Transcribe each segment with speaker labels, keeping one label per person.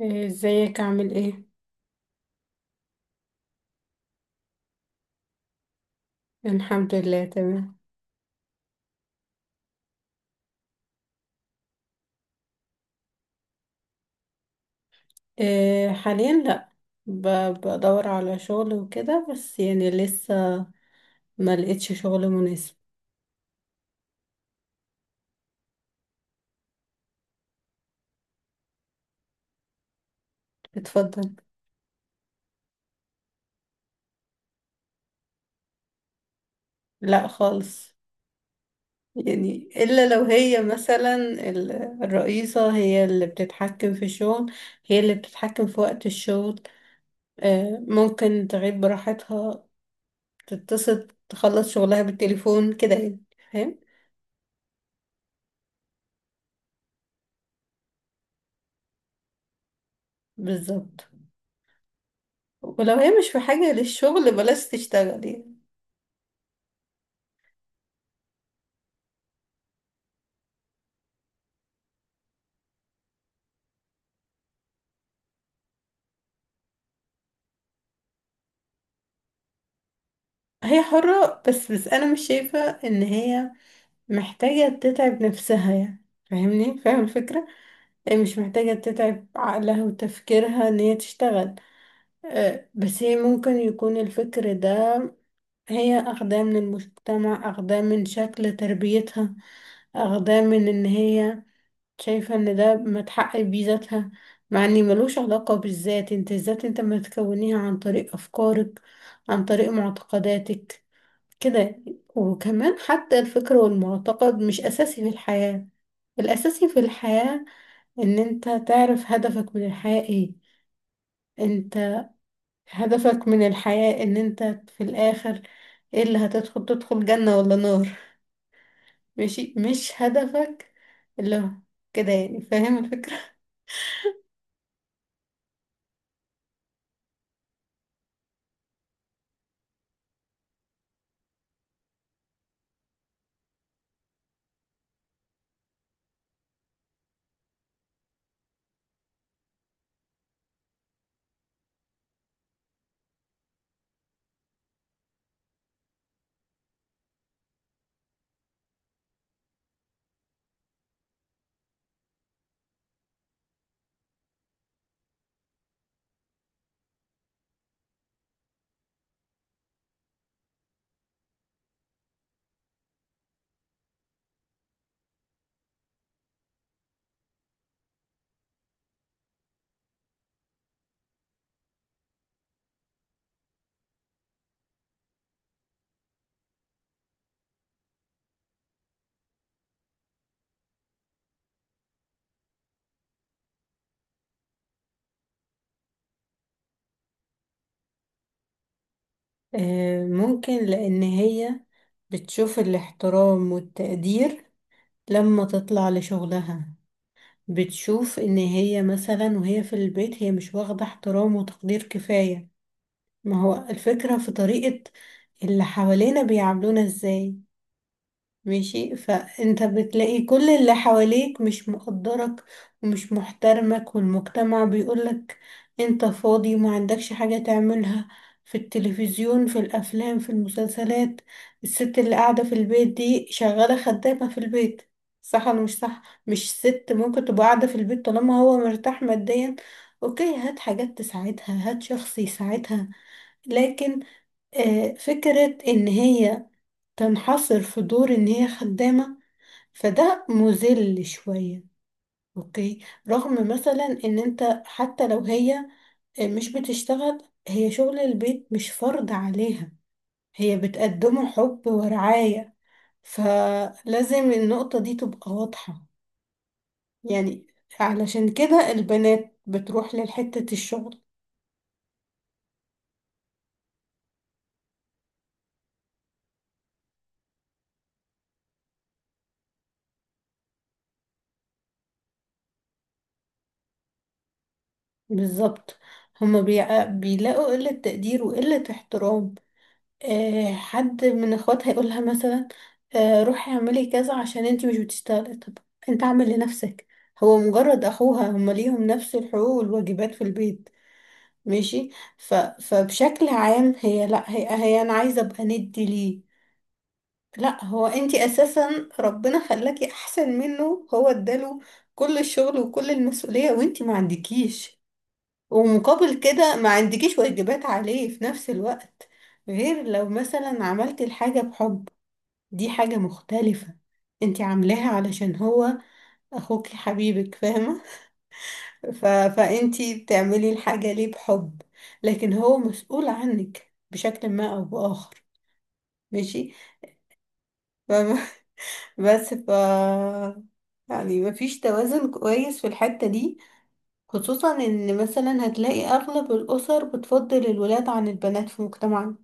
Speaker 1: إيه، ازيك عامل ايه؟ الحمد لله تمام. إيه، حاليا لا. ب- بدور على شغل وكده، بس يعني لسه ما لقيتش شغل مناسب. اتفضل. لا خالص، يعني الا لو هي مثلا ال- الرئيسة هي اللي بتتحكم في الشغل، هي اللي بتتحكم في وقت الشغل. ممكن تغيب براحتها، تتصل تخلص شغلها بالتليفون كده يعني. فاهم؟ بالظبط. ولو هي مش في حاجة للشغل بلاش تشتغل يعني. هي حرة، بس أنا مش شايفة إن هي محتاجة تتعب نفسها يعني. فاهمني؟ فاهم الفكرة. هي مش محتاجة تتعب عقلها وتفكيرها إن هي تشتغل. بس هي ممكن يكون الفكر ده هي أخداه من المجتمع، أخداه من شكل تربيتها، أخداه من إن هي شايفة ان ده متحقق بيه ذاتها، مع ان ملوش علاقة بالذات. انت الذات انت ما تكونيها عن طريق افكارك، عن طريق معتقداتك كده. وكمان حتى الفكر والمعتقد مش اساسي في الحياة. الاساسي في الحياة ان انت تعرف هدفك من الحياة ايه. انت هدفك من الحياة ان انت في الاخر ايه اللي هتدخل، تدخل جنة ولا نار. ماشي؟ مش هدفك اللي هو كده يعني. فاهم الفكرة؟ ممكن لأن هي بتشوف الاحترام والتقدير لما تطلع لشغلها. بتشوف إن هي مثلا وهي في البيت هي مش واخدة احترام وتقدير كفاية. ما هو الفكرة في طريقة اللي حوالينا بيعاملونا ازاي. ماشي؟ فانت بتلاقي كل اللي حواليك مش مقدرك ومش محترمك، والمجتمع بيقولك انت فاضي وما عندكش حاجة تعملها. في التلفزيون، في الافلام، في المسلسلات، الست اللي قاعدة في البيت دي شغالة خدامة في البيت. صح ولا مش صح؟ مش ست ممكن تبقى قاعدة في البيت طالما هو مرتاح ماديا؟ اوكي، هات حاجات تساعدها، هات شخص يساعدها. لكن فكرة ان هي تنحصر في دور ان هي خدامة، فده مذل شوية. اوكي، رغم مثلا ان انت حتى لو هي مش بتشتغل، هي شغل البيت مش فرض عليها، هي بتقدمه حب ورعاية. فلازم النقطة دي تبقى واضحة يعني. علشان كده البنات بتروح لحتة الشغل. بالظبط. هما بيلاقوا قلة تقدير وقلة احترام. حد من اخواتها هيقولها مثلا روحي اعملي كذا عشان انتي مش بتشتغلي. طب انت اعمل لنفسك، هو مجرد اخوها، هما ليهم نفس الحقوق والواجبات في البيت. ماشي؟ فبشكل عام، هي لا، هي انا عايزه ابقى ندي ليه؟ لا، هو انتي اساسا ربنا خلاكي احسن منه، هو اداله كل الشغل وكل المسؤوليه، وانتي ما عندكيش. ومقابل كده ما عندكيش واجبات عليه في نفس الوقت، غير لو مثلا عملت الحاجة بحب. دي حاجة مختلفة. انتي عاملاها علشان هو اخوكي حبيبك، فاهمة؟ فانتي بتعملي الحاجة ليه بحب، لكن هو مسؤول عنك بشكل ما او بآخر. ماشي؟ فاهمة؟ بس يعني مفيش توازن كويس في الحتة دي، خصوصا ان مثلا هتلاقي اغلب الاسر بتفضل الولاد عن البنات في مجتمعنا.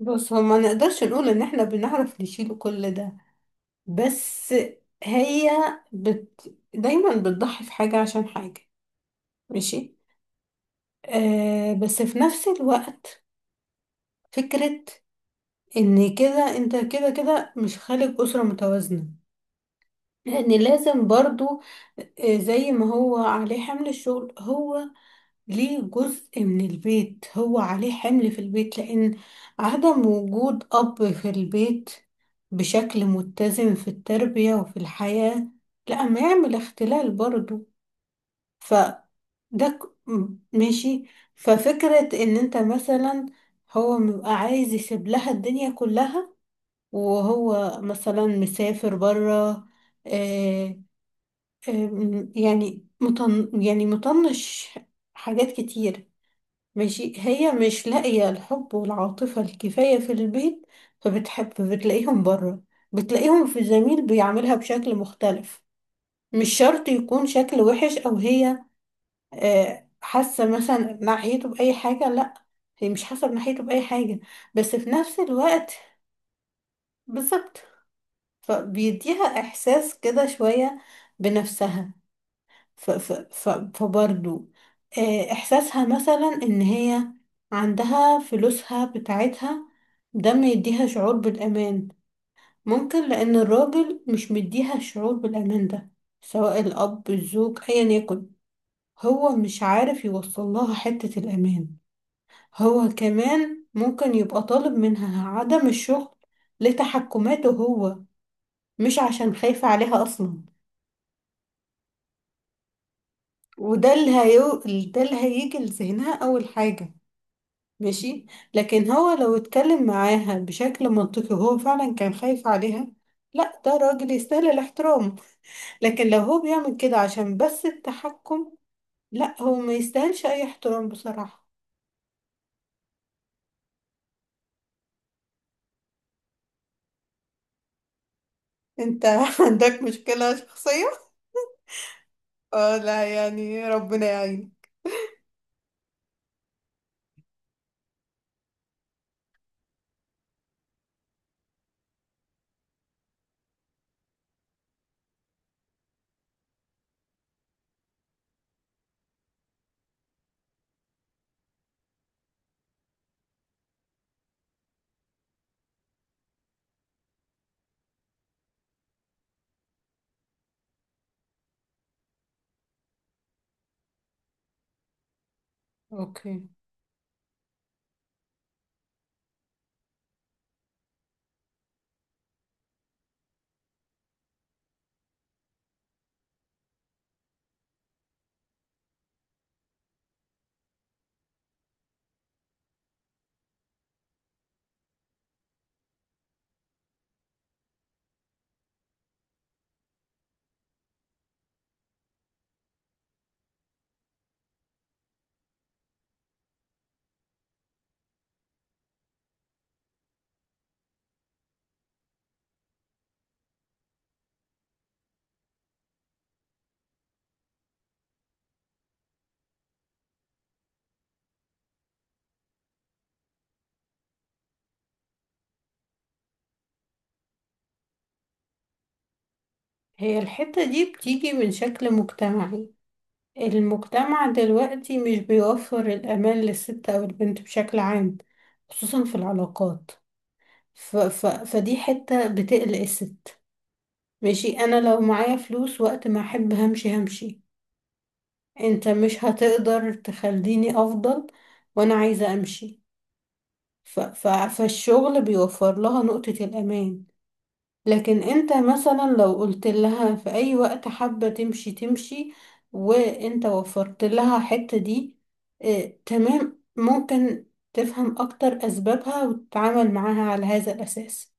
Speaker 1: بص، هو ما نقدرش نقول ان احنا بنعرف نشيل كل ده، بس هي دايما بتضحي في حاجة عشان حاجة. ماشي؟ آه، بس في نفس الوقت فكرة ان كده انت كده كده مش خالق أسرة متوازنة، لان لازم برضو زي ما هو عليه حمل الشغل، هو ليه جزء من البيت، هو عليه حمل في البيت، لأن عدم وجود أب في البيت بشكل متزن في التربية وفي الحياة، لا، ما يعمل اختلال برضو. فده ماشي. ففكرة إن أنت مثلا هو بيبقى عايز يسيب لها الدنيا كلها وهو مثلا مسافر برا. آه، يعني يعني مطنش حاجات كتير. ماشي، هي مش لاقية الحب والعاطفة الكفاية في البيت، فبتحب بتلاقيهم بره، بتلاقيهم في زميل بيعملها بشكل مختلف. مش شرط يكون شكل وحش أو هي حاسة مثلا ناحيته بأي حاجة، لأ، هي مش حاسة ناحيته بأي حاجة، بس في نفس الوقت بالظبط فبيديها إحساس كده شوية بنفسها. ف ف ف فبرضو احساسها مثلا ان هي عندها فلوسها بتاعتها، ده ما يديها شعور بالامان. ممكن لان الراجل مش مديها الشعور بالامان ده، سواء الاب الزوج ايا يكن، هو مش عارف يوصل لها حتة الامان. هو كمان ممكن يبقى طالب منها عدم الشغل لتحكماته هو، مش عشان خايف عليها اصلا. وده اللي هيو... ده اللي هيجي لذهنها اول حاجة. ماشي. لكن هو لو اتكلم معاها بشكل منطقي وهو فعلا كان خايف عليها، لا، ده راجل يستاهل الاحترام. لكن لو هو بيعمل كده عشان بس التحكم، لا، هو ما يستاهلش اي احترام بصراحة. انت عندك مشكلة شخصية. اه، لا يعني ربنا يعين. اوكي. هي الحتة دي بتيجي من شكل مجتمعي. المجتمع دلوقتي مش بيوفر الأمان للست أو البنت بشكل عام، خصوصا في العلاقات. فدي حتة بتقلق الست. ماشي، انا لو معايا فلوس، وقت ما احب همشي همشي. انت مش هتقدر تخليني افضل وانا عايزة امشي. فالشغل بيوفر لها نقطة الامان. لكن انت مثلا لو قلت لها في اي وقت حابة تمشي تمشي، وانت وفرت لها الحتة دي، اه تمام، ممكن تفهم اكتر اسبابها وتتعامل معاها على هذا الاساس.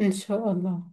Speaker 1: ان شاء الله.